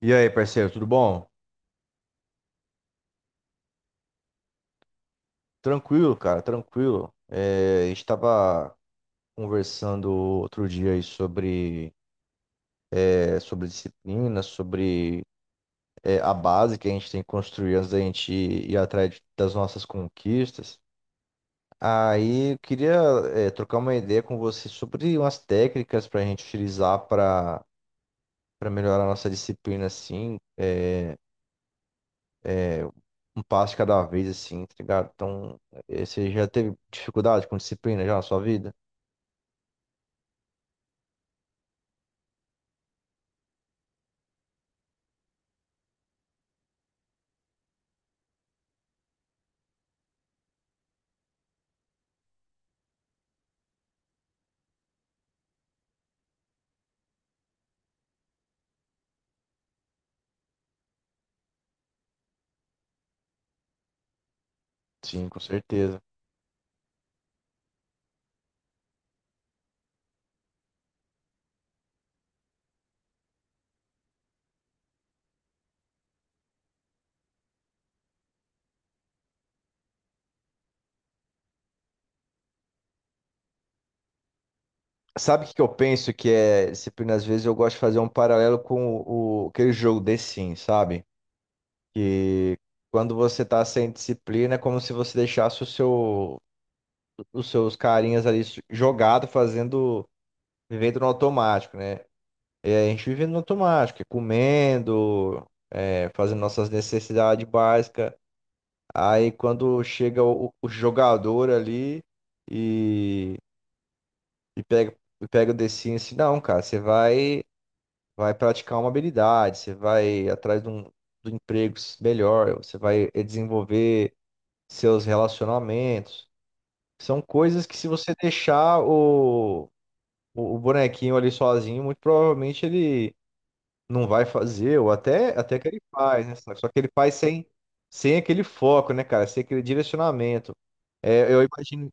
E aí, parceiro, tudo bom? Tranquilo, cara, tranquilo. É, a gente estava conversando outro dia aí sobre, é, sobre disciplina, sobre é, a base que a gente tem que construir antes da gente ir atrás das nossas conquistas. Aí eu queria é, trocar uma ideia com você sobre umas técnicas para a gente utilizar para melhorar a nossa disciplina, assim, é, um passo de cada vez, assim, tá ligado? Então, é, você já teve dificuldade com disciplina já na sua vida? Sim, com certeza. Sabe o que que eu penso que é disciplina? Às vezes eu gosto de fazer um paralelo com aquele jogo The Sims, sabe? Que quando você tá sem disciplina é como se você deixasse o seu, os seus carinhas ali jogado, fazendo, vivendo no automático, né? É, a gente vivendo no automático, é comendo, é, fazendo nossas necessidades básicas. Aí quando chega o jogador ali e, e pega, pega o The Sims, assim, não, cara, você vai praticar uma habilidade, você vai atrás de um, do emprego melhor, você vai desenvolver seus relacionamentos. São coisas que se você deixar o bonequinho ali sozinho, muito provavelmente ele não vai fazer, ou até, até que ele faz, né? Só que ele faz sem, sem aquele foco, né, cara? Sem aquele direcionamento. É, eu imagino,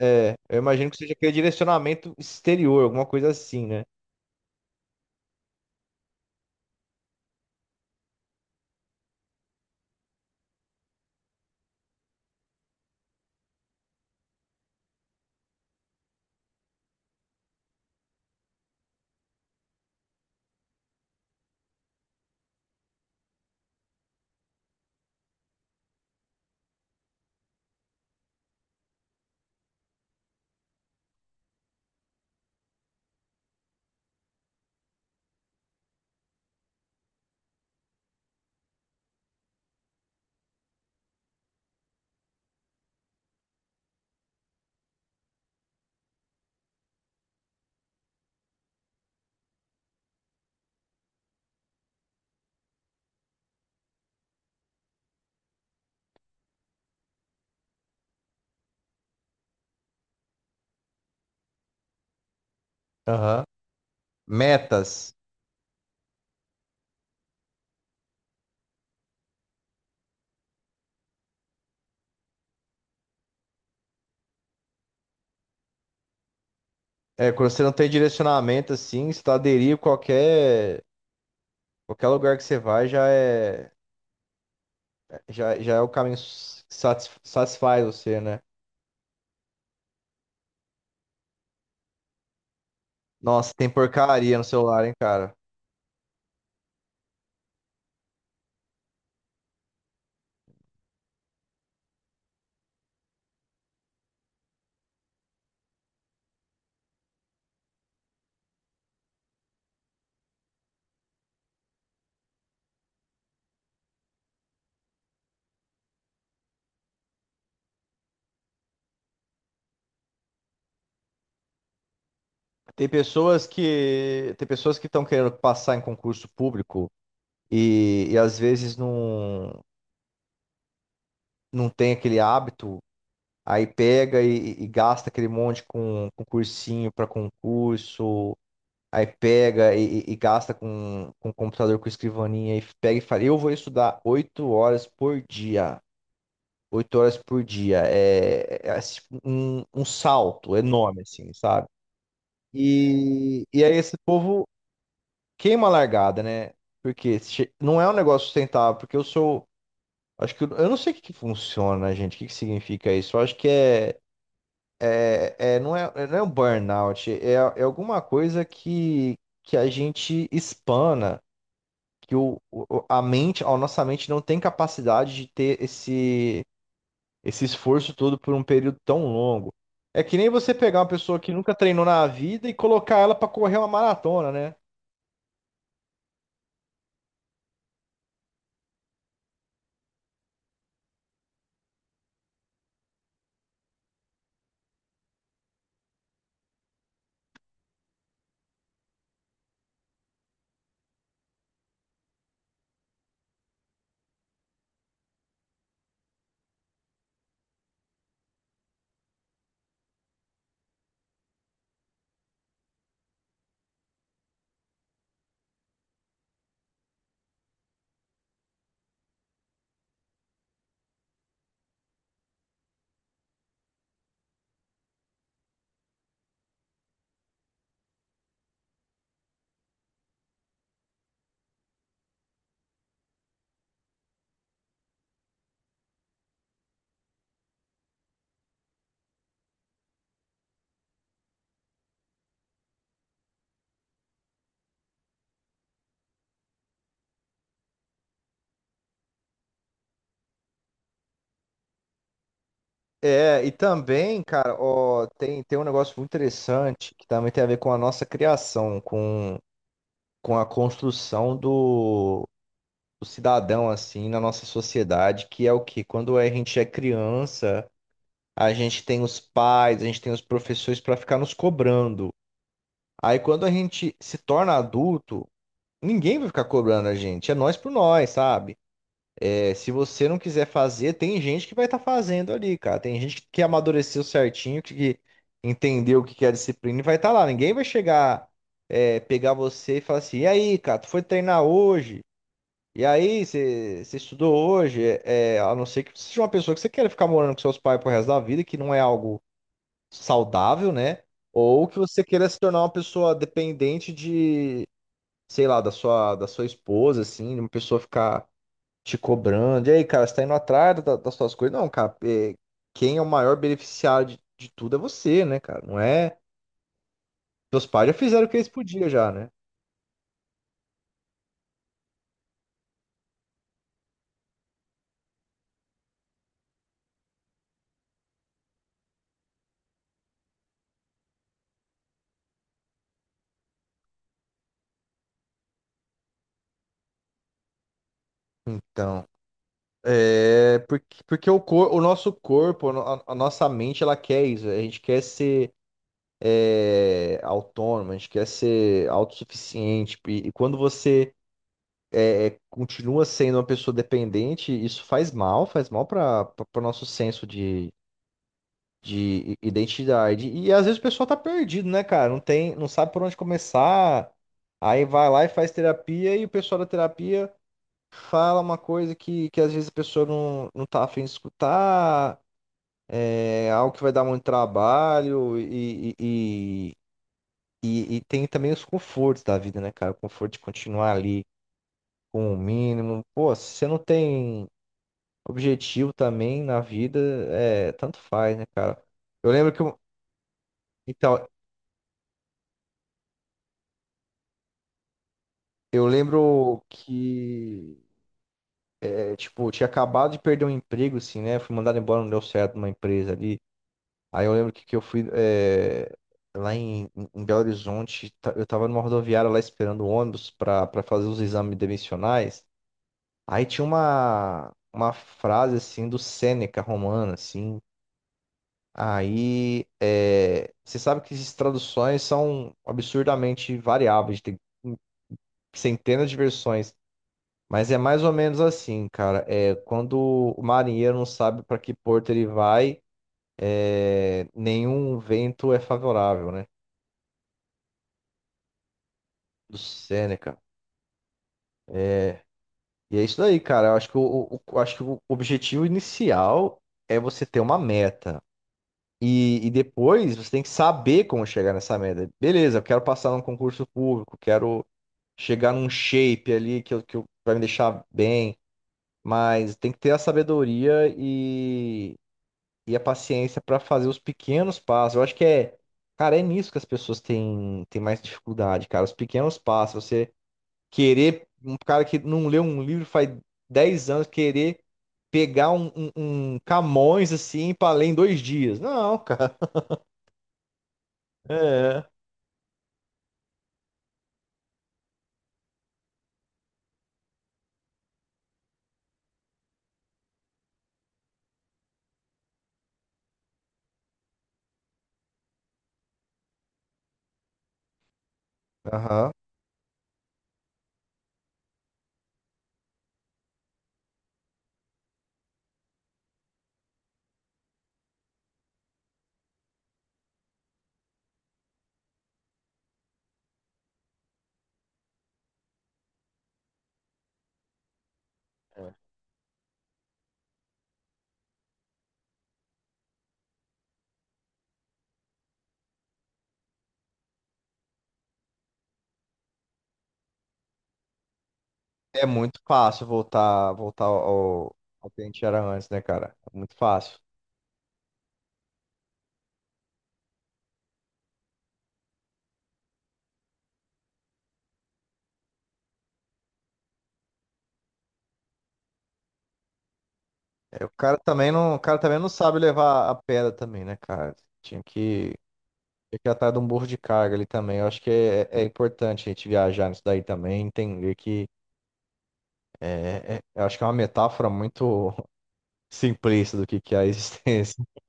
eu imagino que seja aquele direcionamento exterior, alguma coisa assim, né? Aham. Metas. É, quando você não tem direcionamento assim, se tu qualquer, qualquer lugar que você vai já é o caminho que satisfaz você, né? Nossa, tem porcaria no celular, hein, cara? Tem pessoas que estão querendo passar em concurso público e às vezes não, não tem aquele hábito, aí pega e gasta aquele monte com cursinho para concurso. Aí pega e gasta com o computador, com escrivaninha, e pega e fala: Eu vou estudar 8 horas por dia. 8 horas por dia. É, é assim, um salto enorme, assim, sabe? E aí esse povo queima a largada, né? Porque não é um negócio sustentável, porque eu sou. Acho que eu não sei o que que funciona, gente. O que que significa isso? Eu acho que não é, não é um burnout, é alguma coisa que a gente espana. Que a mente, a nossa mente não tem capacidade de ter esse, esse esforço todo por um período tão longo. É que nem você pegar uma pessoa que nunca treinou na vida e colocar ela para correr uma maratona, né? É, e também, cara, ó, tem um negócio muito interessante que também tem a ver com a nossa criação, com a construção do cidadão, assim, na nossa sociedade, que é o que Quando a gente é criança, a gente tem os pais, a gente tem os professores para ficar nos cobrando. Aí quando a gente se torna adulto, ninguém vai ficar cobrando a gente. É nós por nós, sabe? É, se você não quiser fazer, tem gente que vai estar fazendo ali, cara. Tem gente que amadureceu certinho, que entendeu o que que é disciplina e vai estar lá. Ninguém vai chegar, é, pegar você e falar assim: E aí, cara, tu foi treinar hoje? E aí, você estudou hoje? É, é, a não ser que você seja uma pessoa que você queira ficar morando com seus pais pro resto da vida, que não é algo saudável, né? Ou que você queira se tornar uma pessoa dependente de sei lá, da sua esposa, assim, de uma pessoa ficar te cobrando. E aí, cara, você tá indo atrás das suas coisas? Não, cara, é, quem é o maior beneficiário de tudo é você, né, cara? Não é. Seus pais já fizeram o que eles podiam já, né? Então, é porque, porque o nosso corpo, a, no- a nossa mente, ela quer isso. A gente quer ser é, autônomo, a gente quer ser autossuficiente. E quando você continua sendo uma pessoa dependente, isso faz mal para o nosso senso de identidade. E às vezes o pessoal tá perdido, né, cara? Não tem, não sabe por onde começar. Aí vai lá e faz terapia e o pessoal da terapia fala uma coisa que às vezes a pessoa não, não tá afim de escutar, é algo que vai dar muito trabalho e, e tem também os confortos da vida, né, cara? O conforto de continuar ali com o mínimo. Pô, se você não tem objetivo também na vida, é, tanto faz, né, cara? Eu lembro que eu, então, eu lembro que é, tipo, eu tinha acabado de perder um emprego assim, né? Fui mandado embora, não deu certo numa empresa ali. Aí eu lembro que eu fui é, lá em, em Belo Horizonte, eu tava numa rodoviária lá esperando o ônibus pra para fazer os exames demissionais. Aí tinha uma frase assim do Sêneca romano assim. Aí, é, você sabe que essas traduções são absurdamente variáveis, tem centenas de versões, mas é mais ou menos assim, cara. É, quando o marinheiro não sabe para que porto ele vai, é, nenhum vento é favorável, né? Do Sêneca. E é isso daí, cara. Eu acho que o- Acho que o objetivo inicial é você ter uma meta. E depois você tem que saber como chegar nessa meta. Beleza, eu quero passar num concurso público, quero chegar num shape ali que vai me deixar bem, mas tem que ter a sabedoria e a paciência para fazer os pequenos passos. Eu acho que é, cara, é nisso que as pessoas têm mais dificuldade, cara, os pequenos passos. Você querer, um cara que não leu um livro faz 10 anos, querer pegar um Camões assim para ler em 2 dias. Não, cara. É. Aham. É muito fácil voltar, voltar ao que a gente era antes, né, cara? É muito fácil. O cara também não sabe levar a pedra também, né, cara? Tinha que, tinha que ir atrás de um burro de carga ali também. Eu acho que é, é importante a gente viajar nisso daí também, entender que eu acho que é uma metáfora muito simplista do que é a existência.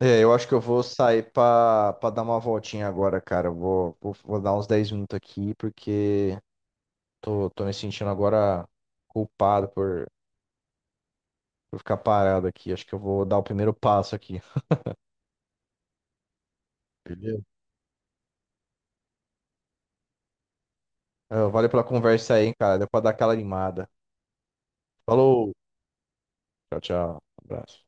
É, eu acho que eu vou sair pra, pra dar uma voltinha agora, cara. Eu vou dar uns 10 minutos aqui, porque tô me sentindo agora culpado por. Vou ficar parado aqui. Acho que eu vou dar o primeiro passo aqui. Beleza? Ah, valeu pela conversa aí, hein, cara. Deu pra dar aquela animada. Falou. Tchau, tchau. Abraço.